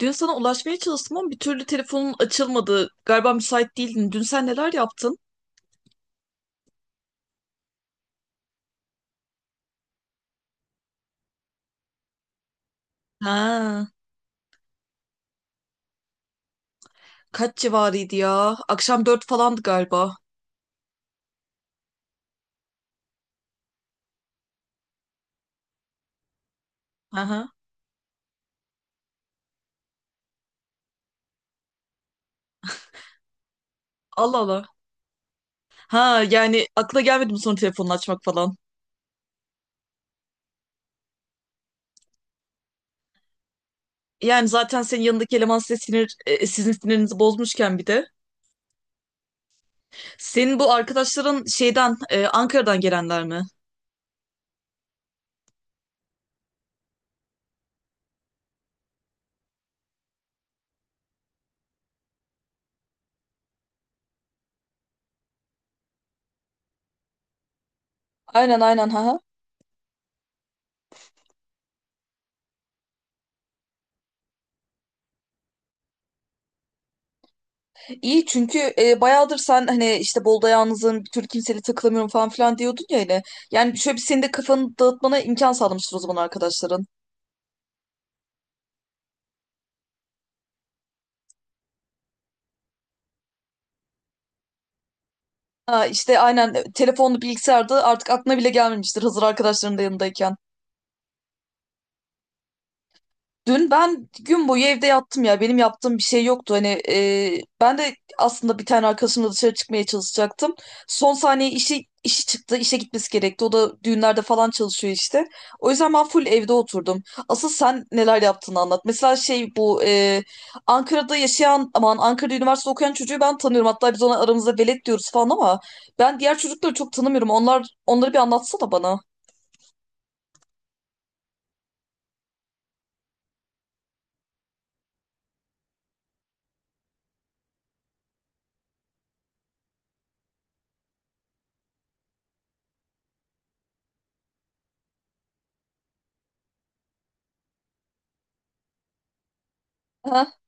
Dün sana ulaşmaya çalıştım ama bir türlü telefonun açılmadı. Galiba müsait değildin. Dün sen neler yaptın? Ha, kaç civarıydı ya? Akşam dört falandı galiba. Aha. Allah Allah. Ha yani akla gelmedi mi sonra telefonunu açmak falan? Yani zaten senin yanındaki eleman size sinir, sizin sinirinizi bozmuşken bir de. Senin bu arkadaşların şeyden, Ankara'dan gelenler mi? Aynen aynen ha. İyi çünkü bayağıdır sen hani işte Bolu'da yalnızım bir türlü kimseyle takılamıyorum falan filan diyordun ya hani. Yani şöyle bir senin de kafanı dağıtmana imkan sağlamıştır o zaman arkadaşların. Ha, işte aynen telefonlu bilgisayarda artık aklına bile gelmemiştir hazır arkadaşların da yanındayken. Dün ben gün boyu evde yattım ya. Benim yaptığım bir şey yoktu. Hani ben de aslında bir tane arkadaşımla dışarı çıkmaya çalışacaktım. Son saniye işi çıktı. İşe gitmesi gerekti. O da düğünlerde falan çalışıyor işte. O yüzden ben full evde oturdum. Asıl sen neler yaptığını anlat. Mesela şey bu Ankara'da yaşayan aman Ankara'da üniversite okuyan çocuğu ben tanıyorum. Hatta biz ona aramızda velet diyoruz falan ama ben diğer çocukları çok tanımıyorum. Onları bir anlatsana bana. Ha,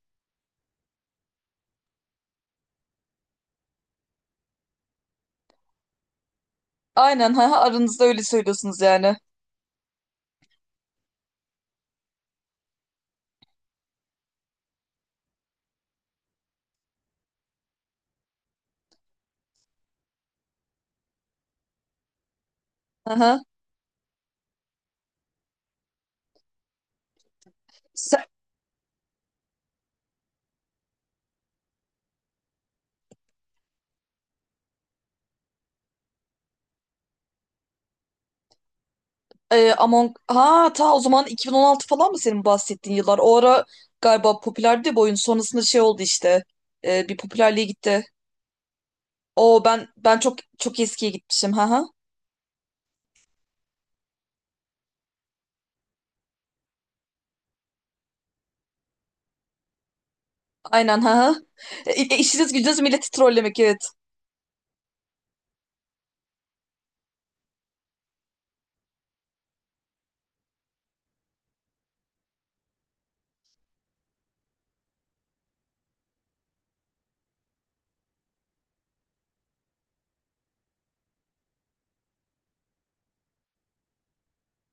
aynen ha, aranızda öyle söylüyorsunuz yani. Aha. Sen, Among... Ha ta o zaman 2016 falan mı senin bahsettiğin yıllar? O ara galiba popülerdi bu oyun. Sonrasında şey oldu işte. Bir popülerliğe gitti. O ben çok çok eskiye gitmişim. Ha ha. Aynen ha ha. İşiniz gücünüz milleti trollemek, evet.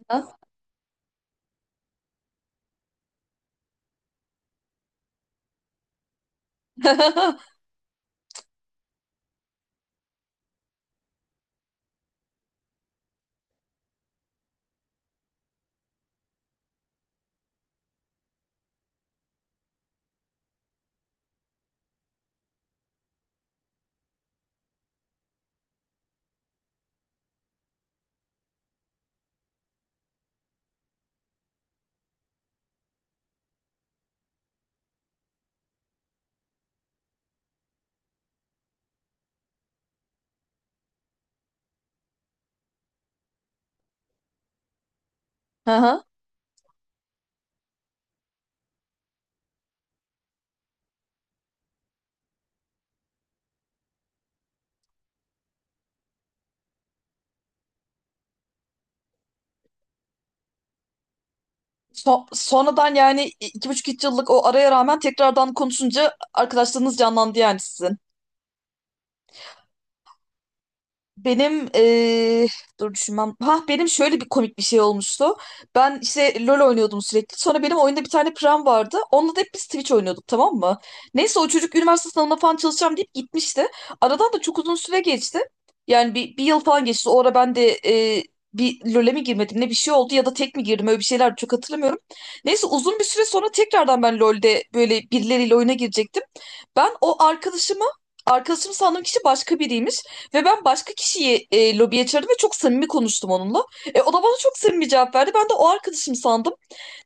Ha ha. Sonradan yani iki buçuk üç yıllık o araya rağmen tekrardan konuşunca arkadaşlarınız canlandı yani sizin. Benim Dur düşünmem. Ha benim şöyle bir komik bir şey olmuştu. Ben işte LoL oynuyordum sürekli. Sonra benim oyunda bir tane pram vardı. Onunla da hep biz Twitch oynuyorduk, tamam mı? Neyse o çocuk üniversite sınavına falan çalışacağım deyip gitmişti. Aradan da çok uzun süre geçti. Yani bir yıl falan geçti. O ara ben de bir LoL'e mi girmedim ne bir şey oldu, ya da tek mi girdim, öyle bir şeyler çok hatırlamıyorum. Neyse uzun bir süre sonra tekrardan ben LoL'de böyle birileriyle oyuna girecektim. Ben o arkadaşımı Arkadaşım sandığım kişi başka biriymiş. Ve ben başka kişiyi lobiye çağırdım ve çok samimi konuştum onunla. O da bana çok samimi cevap verdi. Ben de o arkadaşım sandım.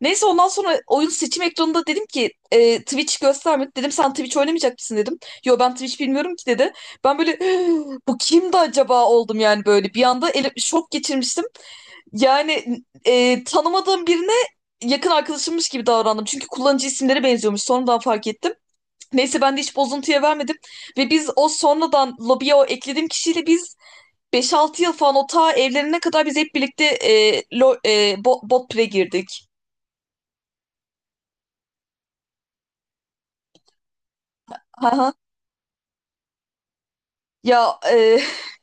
Neyse ondan sonra oyun seçim ekranında dedim ki Twitch göstermedi. Dedim sen Twitch oynamayacak mısın dedim. Yo ben Twitch bilmiyorum ki dedi. Ben böyle "Hı, bu kimdi acaba" oldum yani böyle. Bir anda şok geçirmiştim. Yani tanımadığım birine yakın arkadaşımmış gibi davrandım. Çünkü kullanıcı isimleri benziyormuş. Sonradan fark ettim. Neyse ben de hiç bozuntuya vermedim. Ve biz o sonradan lobiye o eklediğim kişiyle beş altı yıl falan o ta evlenene kadar biz hep birlikte bot pre girdik. Haha. Ya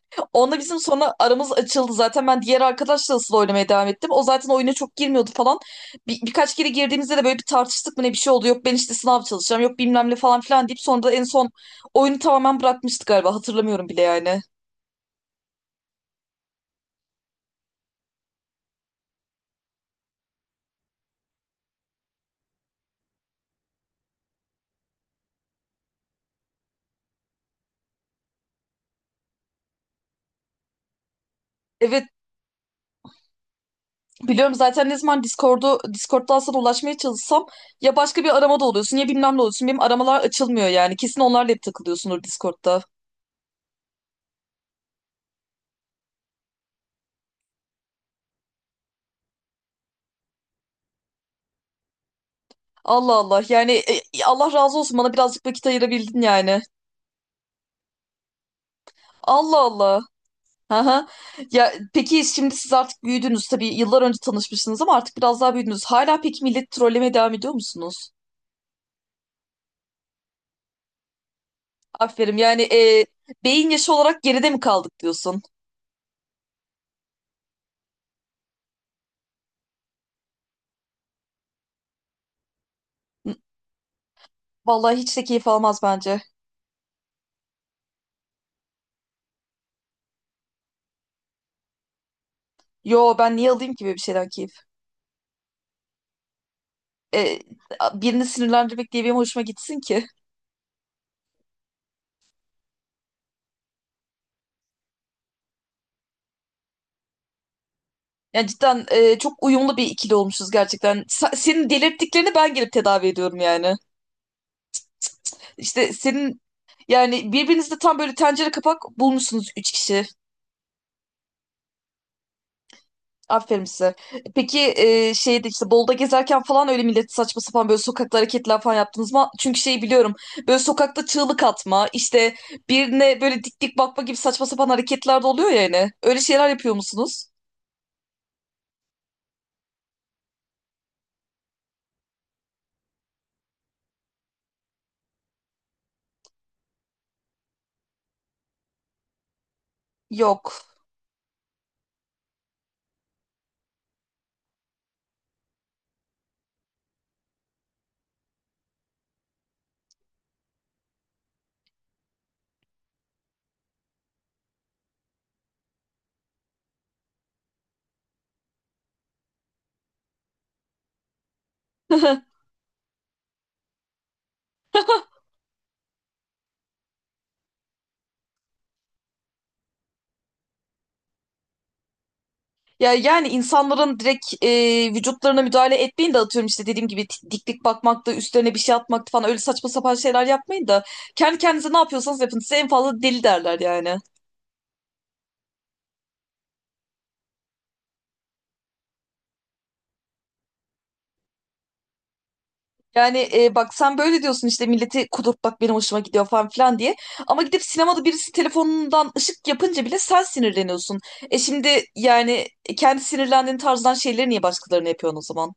onunla bizim sonra aramız açıldı zaten. Ben diğer arkadaşla asıl oynamaya devam ettim. O zaten oyuna çok girmiyordu falan. Birkaç kere girdiğimizde de böyle bir tartıştık mı ne bir şey oldu. Yok ben işte sınav çalışacağım. Yok bilmem ne falan filan deyip sonra da en son oyunu tamamen bırakmıştık galiba. Hatırlamıyorum bile yani. Evet. Biliyorum zaten ne zaman Discord'dan sana ulaşmaya çalışsam ya başka bir aramada oluyorsun ya bilmem ne oluyorsun. Benim aramalar açılmıyor yani. Kesin onlarla hep takılıyorsundur Discord'da. Allah Allah yani Allah razı olsun, bana birazcık vakit ayırabildin yani. Allah Allah. Aha. Ya peki şimdi siz artık büyüdünüz tabii, yıllar önce tanışmışsınız ama artık biraz daha büyüdünüz. Hala peki millet trollemeye devam ediyor musunuz? Aferin yani beyin yaşı olarak geride mi kaldık diyorsun? N- Vallahi hiç de keyif almaz bence. Yo ben niye alayım ki böyle bir şeyden keyif? e, Birini sinirlendirmek diye benim hoşuma gitsin ki. Yani cidden çok uyumlu bir ikili olmuşuz gerçekten. Senin delirttiklerini ben gelip tedavi ediyorum yani. İşte senin yani birbirinizde tam böyle tencere kapak bulmuşsunuz üç kişi. Aferin size. Peki şeyde işte Bolu'da gezerken falan öyle millet saçma sapan böyle sokakta hareketler falan yaptınız mı? Çünkü şeyi biliyorum. Böyle sokakta çığlık atma, işte birine böyle dik dik bakma gibi saçma sapan hareketler de oluyor ya yani. Öyle şeyler yapıyor musunuz? Yok. Ya yani insanların direkt vücutlarına müdahale etmeyin de atıyorum işte dediğim gibi diklik bakmak da üstlerine bir şey atmakta falan öyle saçma sapan şeyler yapmayın da kendi kendinize ne yapıyorsanız yapın. Size en fazla deli derler yani. Yani bak sen böyle diyorsun işte milleti kudurtmak benim hoşuma gidiyor falan filan diye. Ama gidip sinemada birisi telefonundan ışık yapınca bile sen sinirleniyorsun. E şimdi yani kendi sinirlendiğin tarzdan şeyleri niye başkalarına yapıyorsun o zaman?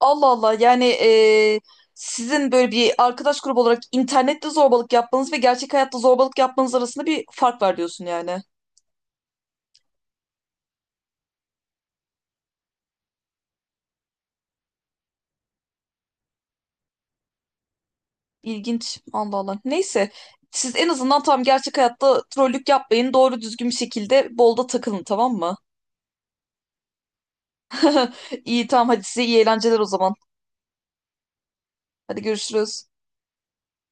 Allah Allah yani sizin böyle bir arkadaş grubu olarak internette zorbalık yapmanız ve gerçek hayatta zorbalık yapmanız arasında bir fark var diyorsun yani. İlginç. Allah Allah. Neyse. Siz en azından tam gerçek hayatta trollük yapmayın. Doğru düzgün bir şekilde bolda takılın, tamam mı? İyi tamam, hadi size iyi eğlenceler o zaman. Hadi görüşürüz.